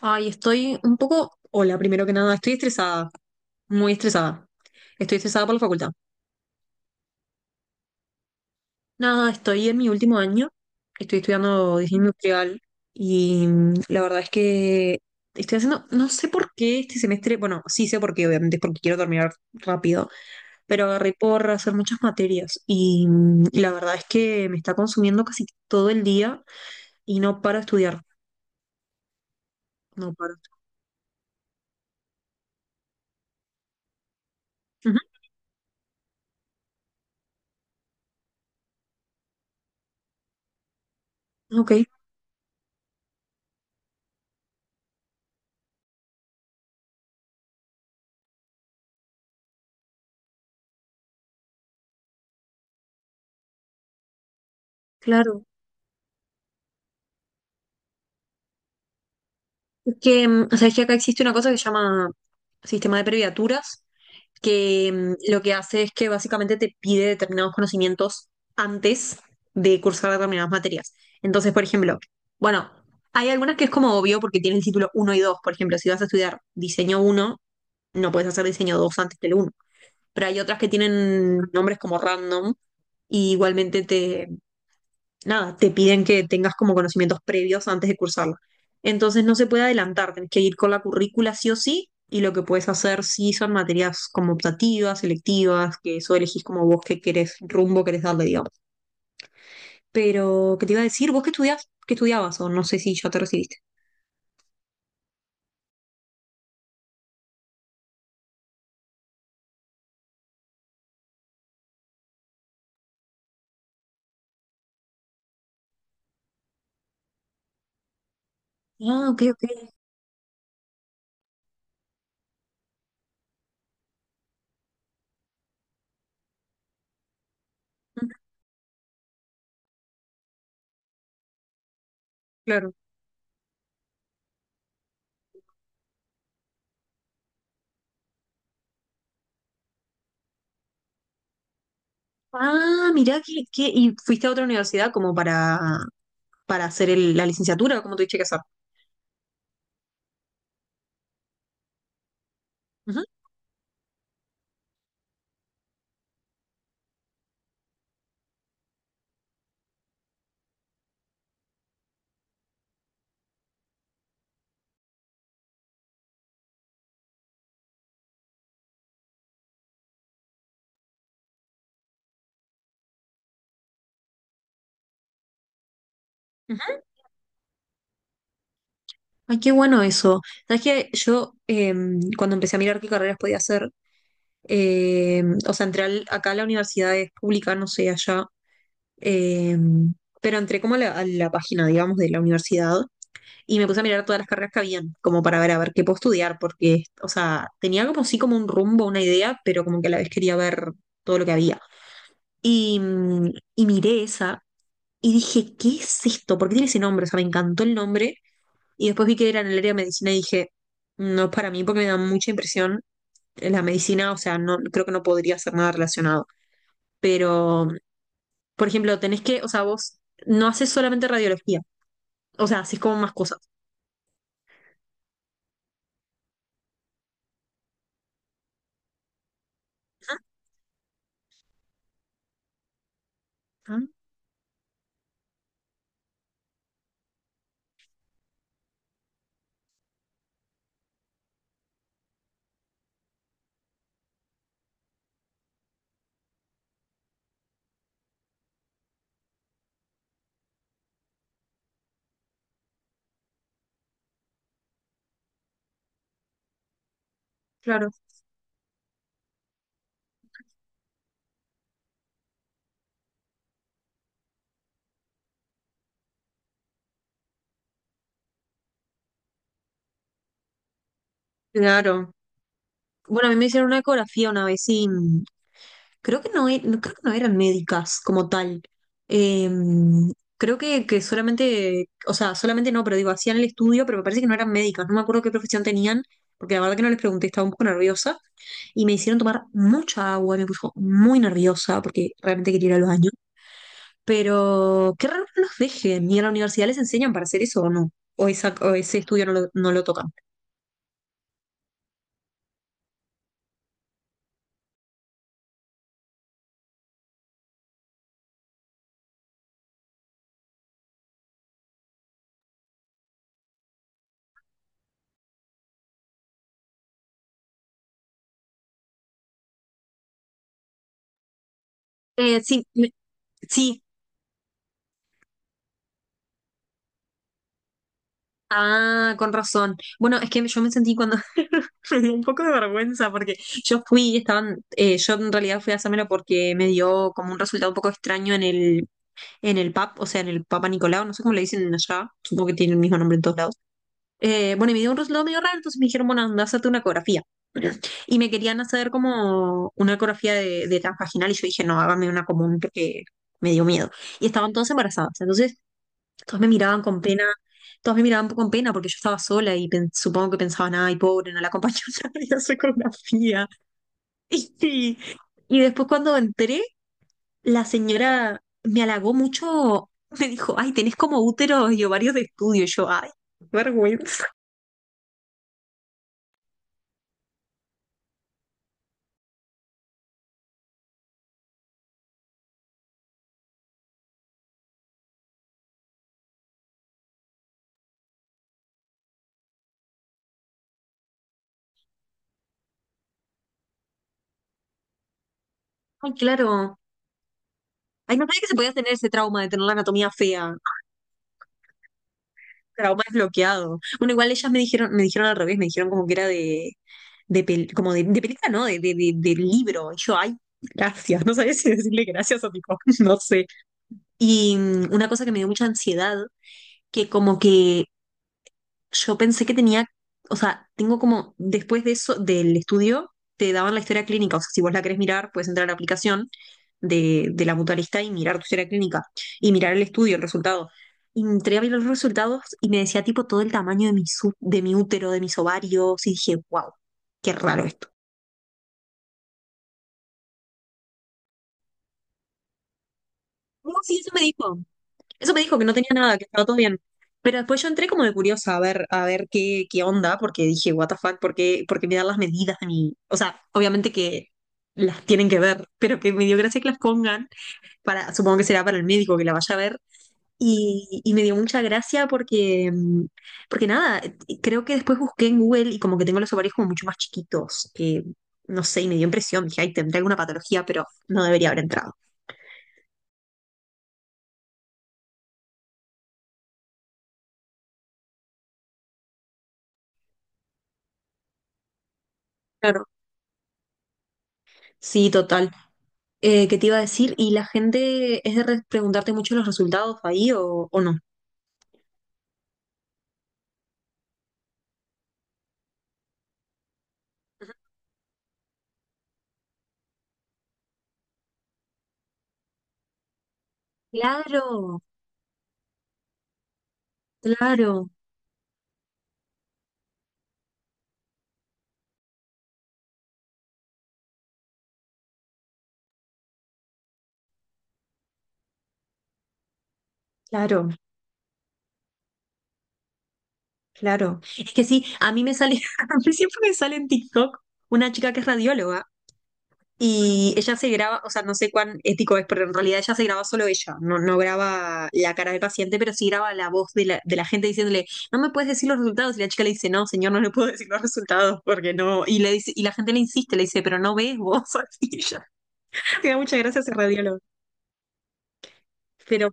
Ay, estoy un poco, hola, primero que nada, estoy estresada, muy estresada. Estoy estresada por la facultad. Nada, estoy en mi último año, estoy estudiando diseño industrial y la verdad es que estoy haciendo, no sé por qué este semestre, bueno, sí sé por qué, obviamente es porque quiero terminar rápido, pero agarré por hacer muchas materias y la verdad es que me está consumiendo casi todo el día y no paro de estudiar, no paro. Ujú, ok, claro. Que, o sea, es que acá existe una cosa que se llama sistema de previaturas, que lo que hace es que básicamente te pide determinados conocimientos antes de cursar determinadas materias. Entonces, por ejemplo, bueno, hay algunas que es como obvio porque tienen el título 1 y dos. Por ejemplo, si vas a estudiar diseño uno no puedes hacer diseño 2 antes del uno. Pero hay otras que tienen nombres como random y igualmente te, nada, te piden que tengas como conocimientos previos antes de cursarla. Entonces no se puede adelantar, tenés que ir con la currícula sí o sí, y lo que puedes hacer sí son materias como optativas, selectivas, que eso elegís como vos qué querés, rumbo querés darle, digamos. Pero, ¿qué te iba a decir? ¿Vos qué estudiás? ¿Qué estudiabas? O no sé si ya te recibiste. Ah, ok, ok. Mm, claro. Ah, mirá que, y fuiste a otra universidad como para hacer la licenciatura, como tuviste que hacer. Ujú, ujú. Ay, qué bueno eso. Sabes que yo cuando empecé a mirar qué carreras podía hacer, o sea, entré acá a la universidad es pública, no sé, allá, em, pero entré como a la página, digamos, de la universidad y me puse a mirar todas las carreras que habían, como para ver a ver qué puedo estudiar, porque, o sea, tenía como sí como un rumbo, una idea, pero como que a la vez quería ver todo lo que había. Y, y miré esa y dije, ¿qué es esto? ¿Por qué tiene ese nombre? O sea, me encantó el nombre. Y después vi que era en el área de medicina y dije, no es para mí porque me da mucha impresión la medicina, o sea, no creo que no podría hacer nada relacionado. Pero, por ejemplo, tenés que, o sea, vos no haces solamente radiología, o sea, haces como más cosas. Ah, claro. Claro. Bueno, a mí me hicieron una ecografía una vez y creo que no, creo que no eran médicas como tal. Eh, creo que solamente, o sea, solamente no, pero digo, hacían el estudio, pero me parece que no eran médicas, no me acuerdo qué profesión tenían, porque la verdad que no les pregunté, estaba un poco nerviosa y me hicieron tomar mucha agua, me puso muy nerviosa porque realmente quería ir al baño. Pero qué raro que no los dejen, ni en la universidad les enseñan para hacer eso o no, o, o ese estudio no lo, no lo tocan. Sí, sí, ah, con razón. Bueno, es que yo me sentí cuando me dio un poco de vergüenza porque yo fui, y estaban, yo en realidad fui a hacérmelo porque me dio como un resultado un poco extraño en el PAP, o sea, en el Papa Nicolau, no sé cómo le dicen allá, supongo que tiene el mismo nombre en todos lados. Bueno, y me dio un resultado medio raro, entonces me dijeron, bueno, anda, hazte una ecografía. Y me querían hacer como una ecografía de transvaginal y yo dije, no, hágame una común porque me dio miedo. Y estaban todas embarazadas, entonces todas me miraban con pena, todas me miraban con pena porque yo estaba sola y supongo que pensaban, ay, pobre, no la acompañó a hacer ecografía. Y, y después cuando entré, la señora me halagó mucho, me dijo, ay, tenés como úteros y ovarios de estudio. Y yo, ay, qué vergüenza. Ay, claro, ay, no sabía que se podía tener ese trauma de tener la anatomía fea. Trauma desbloqueado. Bueno, igual ellas me dijeron al revés, me dijeron como que era de como de película, ¿no? De, de libro. Y yo, ay, gracias. No sabía si decirle gracias o tipo, no sé. Y una cosa que me dio mucha ansiedad, que como que yo pensé que tenía, o sea, tengo como, después de eso, del estudio, te daban la historia clínica. O sea, si vos la querés mirar, puedes entrar a la aplicación de la mutualista y mirar tu historia clínica y mirar el estudio, el resultado. Y entré a ver los resultados y me decía tipo todo el tamaño de mi, de mi útero, de mis ovarios y dije, wow, qué raro esto. No, sí, eso me dijo. Eso me dijo que no tenía nada, que estaba todo bien. Pero después yo entré como de curiosa a ver qué, qué onda, porque dije, what the fuck, por qué me dan las medidas de mi... O sea, obviamente que las tienen que ver, pero que me dio gracia que las pongan para, supongo que será para el médico que la vaya a ver. Y me dio mucha gracia porque, porque nada, creo que después busqué en Google y como que tengo los ovarios como mucho más chiquitos, que no sé, y me dio impresión, dije, ay, tendré alguna patología, pero no debería haber entrado. Claro. Sí, total. ¿Qué te iba a decir? ¿Y la gente es de preguntarte mucho los resultados ahí o no? Ujú. Claro, claro, claro, claro. Es que sí, a mí me sale, a mí siempre me sale en TikTok una chica que es radióloga. Y ella se graba, o sea, no sé cuán ético es, pero en realidad ella se graba solo ella, no, no graba la cara del paciente, pero sí graba la voz de la gente diciéndole, no me puedes decir los resultados. Y la chica le dice, no, señor, no le puedo decir los resultados porque no. Y le dice, y la gente le insiste, le dice, pero no ves vos. Y ella, me da muchas gracias ese radiólogo. Pero,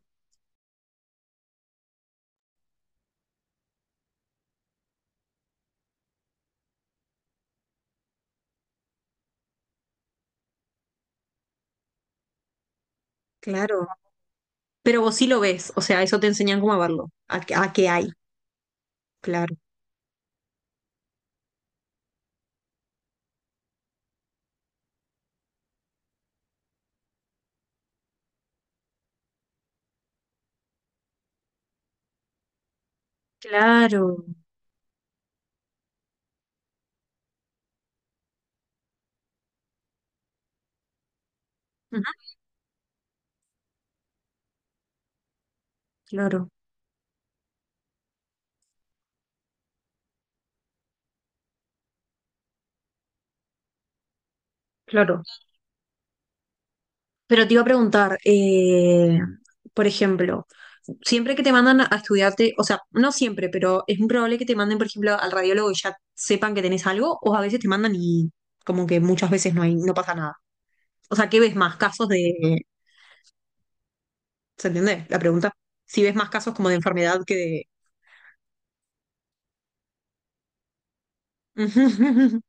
claro, pero vos sí lo ves, o sea, eso te enseñan cómo a verlo, a, a qué hay, claro. Claro, ujú, claro, claro. Pero te iba a preguntar, por ejemplo, siempre que te mandan a estudiarte, o sea, no siempre, pero es muy probable que te manden, por ejemplo, al radiólogo y ya sepan que tenés algo, o a veces te mandan y como que muchas veces no hay, no pasa nada. O sea, ¿qué ves más casos de, ¿se entiende la pregunta? Si ves más casos como de enfermedad que de...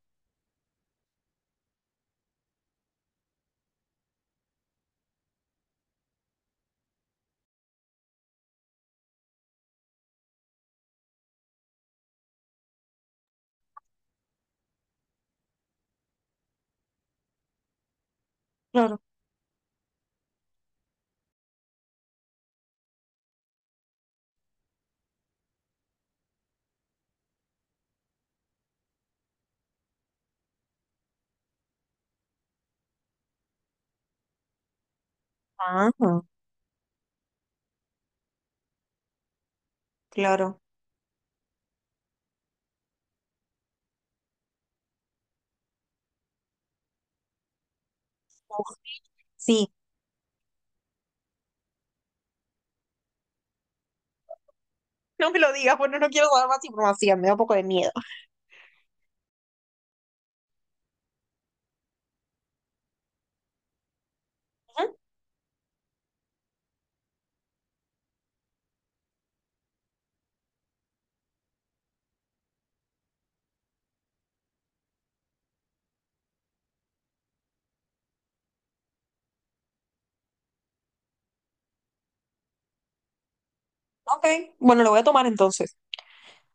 Claro. Ah, claro. Uf, sí. No me lo digas, bueno, no quiero dar más información, me da un poco de miedo. Ujú, ok, bueno, lo voy a tomar entonces.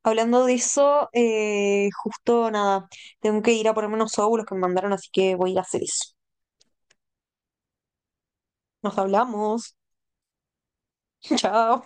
Hablando de eso, justo nada, tengo que ir a ponerme unos óvulos que me mandaron, así que voy a ir a hacer eso. Nos hablamos. Chao.